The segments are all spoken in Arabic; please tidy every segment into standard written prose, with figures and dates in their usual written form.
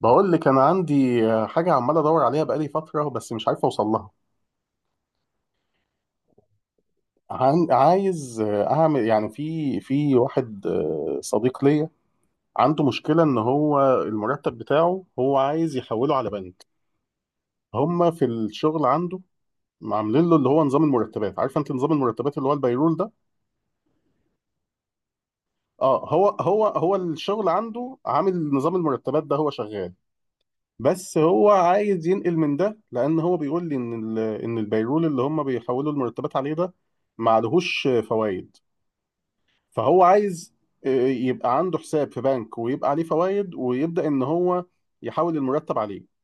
بقول لك انا عندي حاجه عمال ادور عليها بقالي فتره، بس مش عارف اوصل لها. عايز اعمل يعني في واحد صديق ليا. عنده مشكله ان هو المرتب بتاعه، هو عايز يحوله على بنك. هم في الشغل عنده عاملين له اللي هو نظام المرتبات. عارفه انت نظام المرتبات اللي هو البيرول ده؟ اه، هو الشغل عنده عامل نظام المرتبات ده، هو شغال. بس هو عايز ينقل من ده، لان هو بيقول لي ان ان البيرول اللي هم بيحولوا المرتبات عليه ده ما عليهوش فوائد. فهو عايز يبقى عنده حساب في بنك، ويبقى عليه فوائد، ويبدا ان هو يحول المرتب عليه.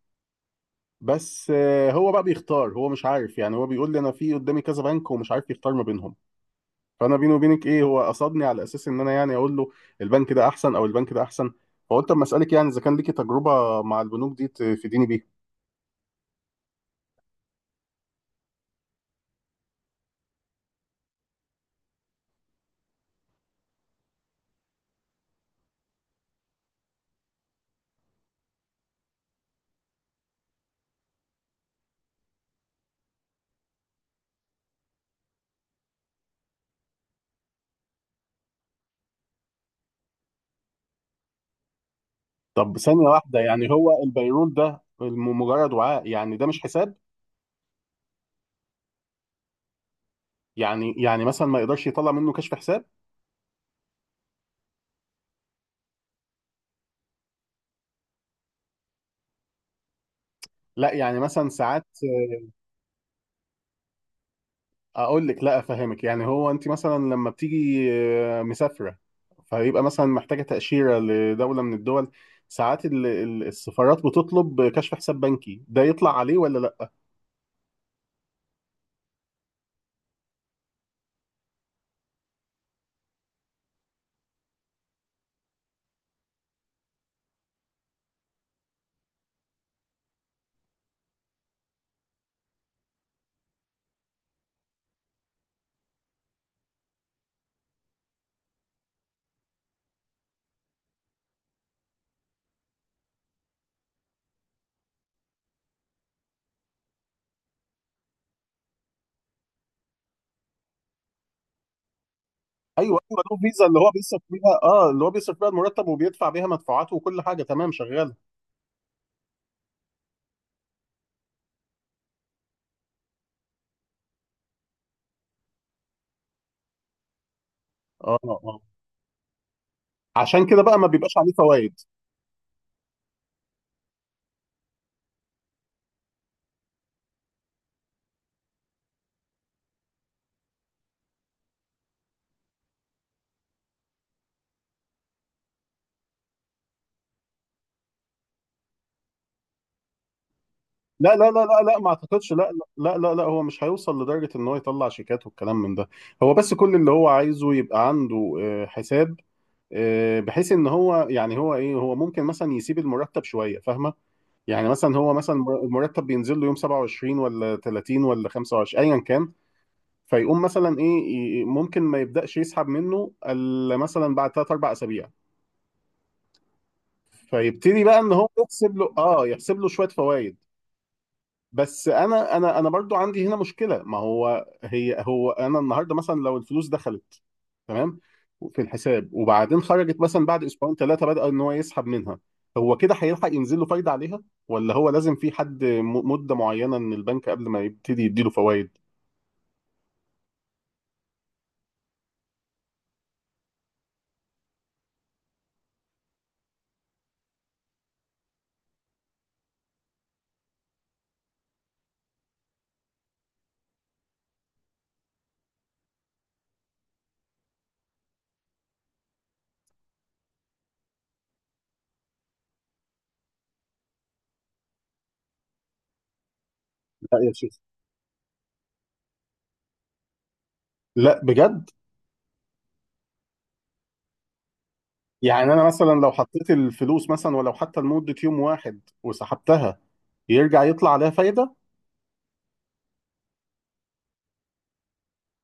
بس هو بقى بيختار، هو مش عارف يعني. هو بيقول لي انا في قدامي كذا بنك ومش عارف يختار ما بينهم. فانا بيني وبينك، ايه، هو قصدني على اساس ان انا يعني اقول له البنك ده احسن او البنك ده احسن. فقلت اما اسالك، يعني اذا كان ليكي تجربه مع البنوك دي تفيديني بيها. طب ثانية واحدة، يعني هو البيرول ده مجرد وعاء، يعني ده مش حساب؟ يعني مثلا ما يقدرش يطلع منه كشف حساب؟ لا يعني مثلا ساعات. اقول لك، لا افهمك، يعني هو انت مثلا لما بتيجي مسافرة، فيبقى مثلا محتاجة تأشيرة لدولة من الدول. ساعات السفارات بتطلب كشف حساب بنكي، ده يطلع عليه ولا لا؟ ايوه ايوه، له فيزا اللي هو بيصرف بيها، اه، اللي هو بيصرف بيها المرتب وبيدفع بيها مدفوعاته وكل حاجة، تمام، شغالة. اه اه، عشان كده بقى ما بيبقاش عليه فوائد. لا لا لا لا لا، ما اعتقدش، لا. لا لا لا، هو مش هيوصل لدرجة ان هو يطلع شيكات والكلام من ده. هو بس كل اللي هو عايزه يبقى عنده حساب. بحيث ان هو، يعني هو ايه، هو ممكن مثلا يسيب المرتب شوية، فاهمة؟ يعني مثلا هو مثلا المرتب بينزل له يوم 27 ولا 30 ولا 25 ايا كان. فيقوم مثلا ايه، ممكن ما يبدأش يسحب منه الا مثلا بعد 3 4 اسابيع. فيبتدي بقى ان هو يحسب له شوية فوائد. بس انا برضو عندي هنا مشكله. ما هو هي هو انا النهارده مثلا لو الفلوس دخلت، تمام، في الحساب، وبعدين خرجت مثلا بعد اسبوعين ثلاثه بدأ ان هو يسحب منها، هو كده هيلحق ينزل له فايده عليها؟ ولا هو لازم في حد مده معينه من البنك قبل ما يبتدي يديله فوائد؟ لا يا شيخ. لا بجد؟ يعني انا مثلا لو حطيت الفلوس مثلا، ولو حتى لمده يوم واحد وسحبتها، يرجع يطلع عليها فايده؟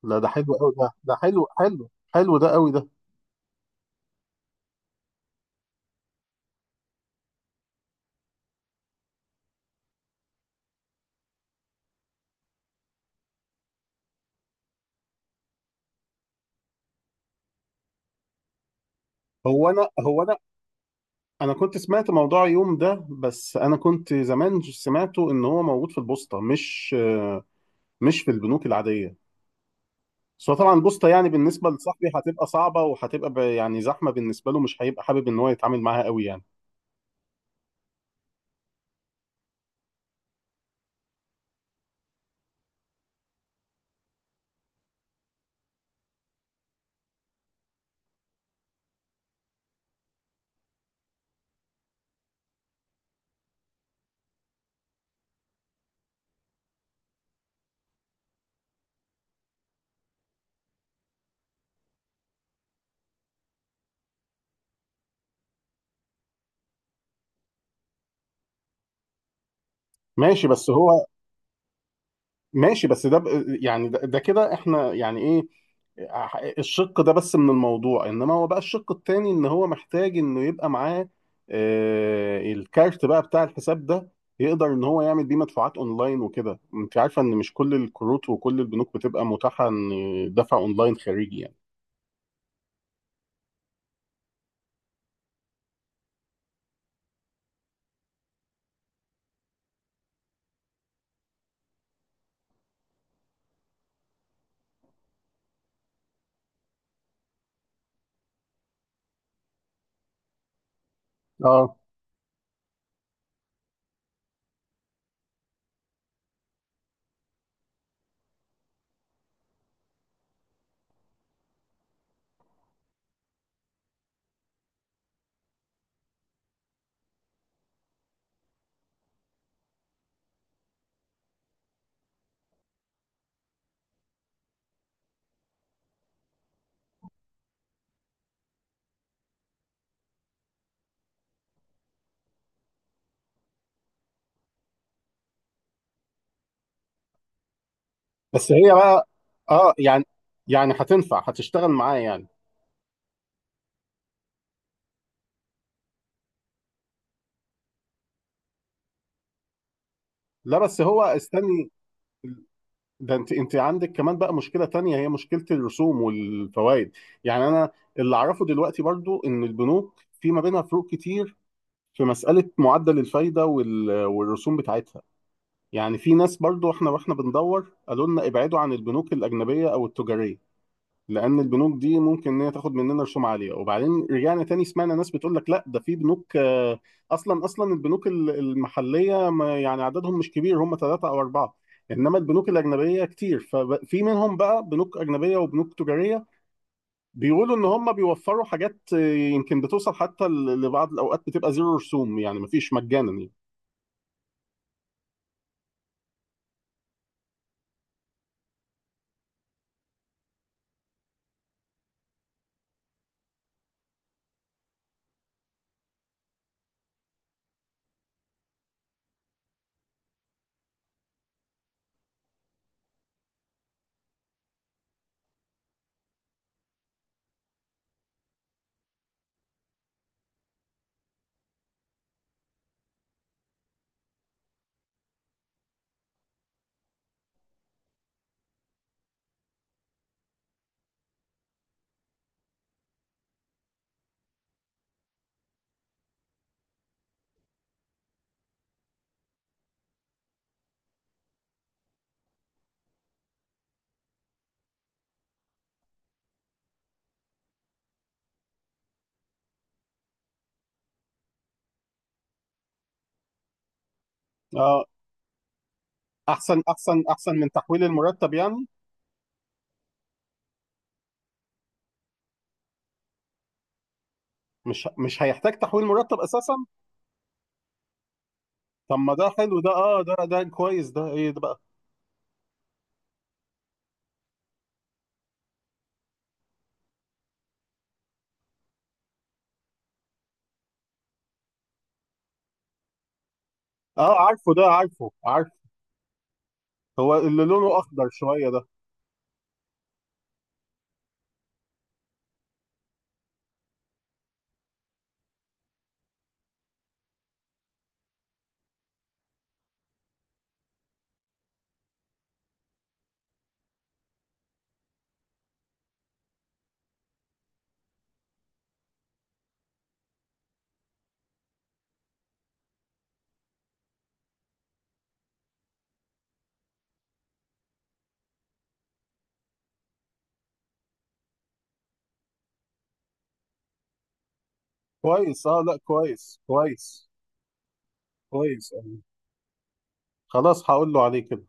لا، ده حلو قوي. ده حلو حلو حلو، ده قوي ده. هو انا هو انا كنت سمعت موضوع يوم ده، بس انا كنت زمان سمعته ان هو موجود في البوسطه، مش في البنوك العاديه. بس هو طبعا البوسطه يعني بالنسبه لصاحبي هتبقى صعبه، وهتبقى يعني زحمه بالنسبه له، مش هيبقى حابب ان هو يتعامل معاها قوي يعني. ماشي بس هو. ماشي، بس ده يعني ده كده احنا يعني ايه الشق ده بس من الموضوع، انما هو بقى الشق التاني، ان هو محتاج انه يبقى معاه الكارت بقى بتاع الحساب ده، يقدر ان هو يعمل بيه مدفوعات اونلاين وكده. انت عارفة ان مش كل الكروت وكل البنوك بتبقى متاحة ان دفع اونلاين خارجي يعني. اه، بس هي بقى. اه، يعني، يعني هتنفع، هتشتغل معاه يعني؟ لا بس، هو، استني. ده انت عندك كمان بقى مشكله تانية، هي مشكله الرسوم والفوائد. يعني انا اللي اعرفه دلوقتي برضو، ان البنوك في ما بينها فروق كتير في مساله معدل الفايده والرسوم بتاعتها. يعني في ناس، برضو احنا واحنا بندور، قالوا لنا ابعدوا عن البنوك الاجنبيه او التجاريه، لان البنوك دي ممكن ان هي تاخد مننا رسوم عاليه. وبعدين رجعنا تاني سمعنا ناس بتقول لك لا، ده في بنوك اصلا اصلا البنوك المحليه يعني عددهم مش كبير، هم ثلاثه او اربعه. انما البنوك الاجنبيه كتير، ففي منهم بقى بنوك اجنبيه وبنوك تجاريه، بيقولوا ان هم بيوفروا حاجات يمكن بتوصل حتى لبعض الاوقات بتبقى زيرو رسوم، يعني مفيش، مجانا يعني. اه، احسن احسن احسن من تحويل المرتب يعني؟ مش هيحتاج تحويل مرتب اساسا؟ طب ما ده حلو ده. اه، ده كويس ده. ايه ده بقى؟ اه عارفه ده، عارفه عارفه. هو اللي لونه اخضر شويه ده؟ كويس، اه. لا، كويس كويس. كويس أوي. خلاص، هقول له عليه كده.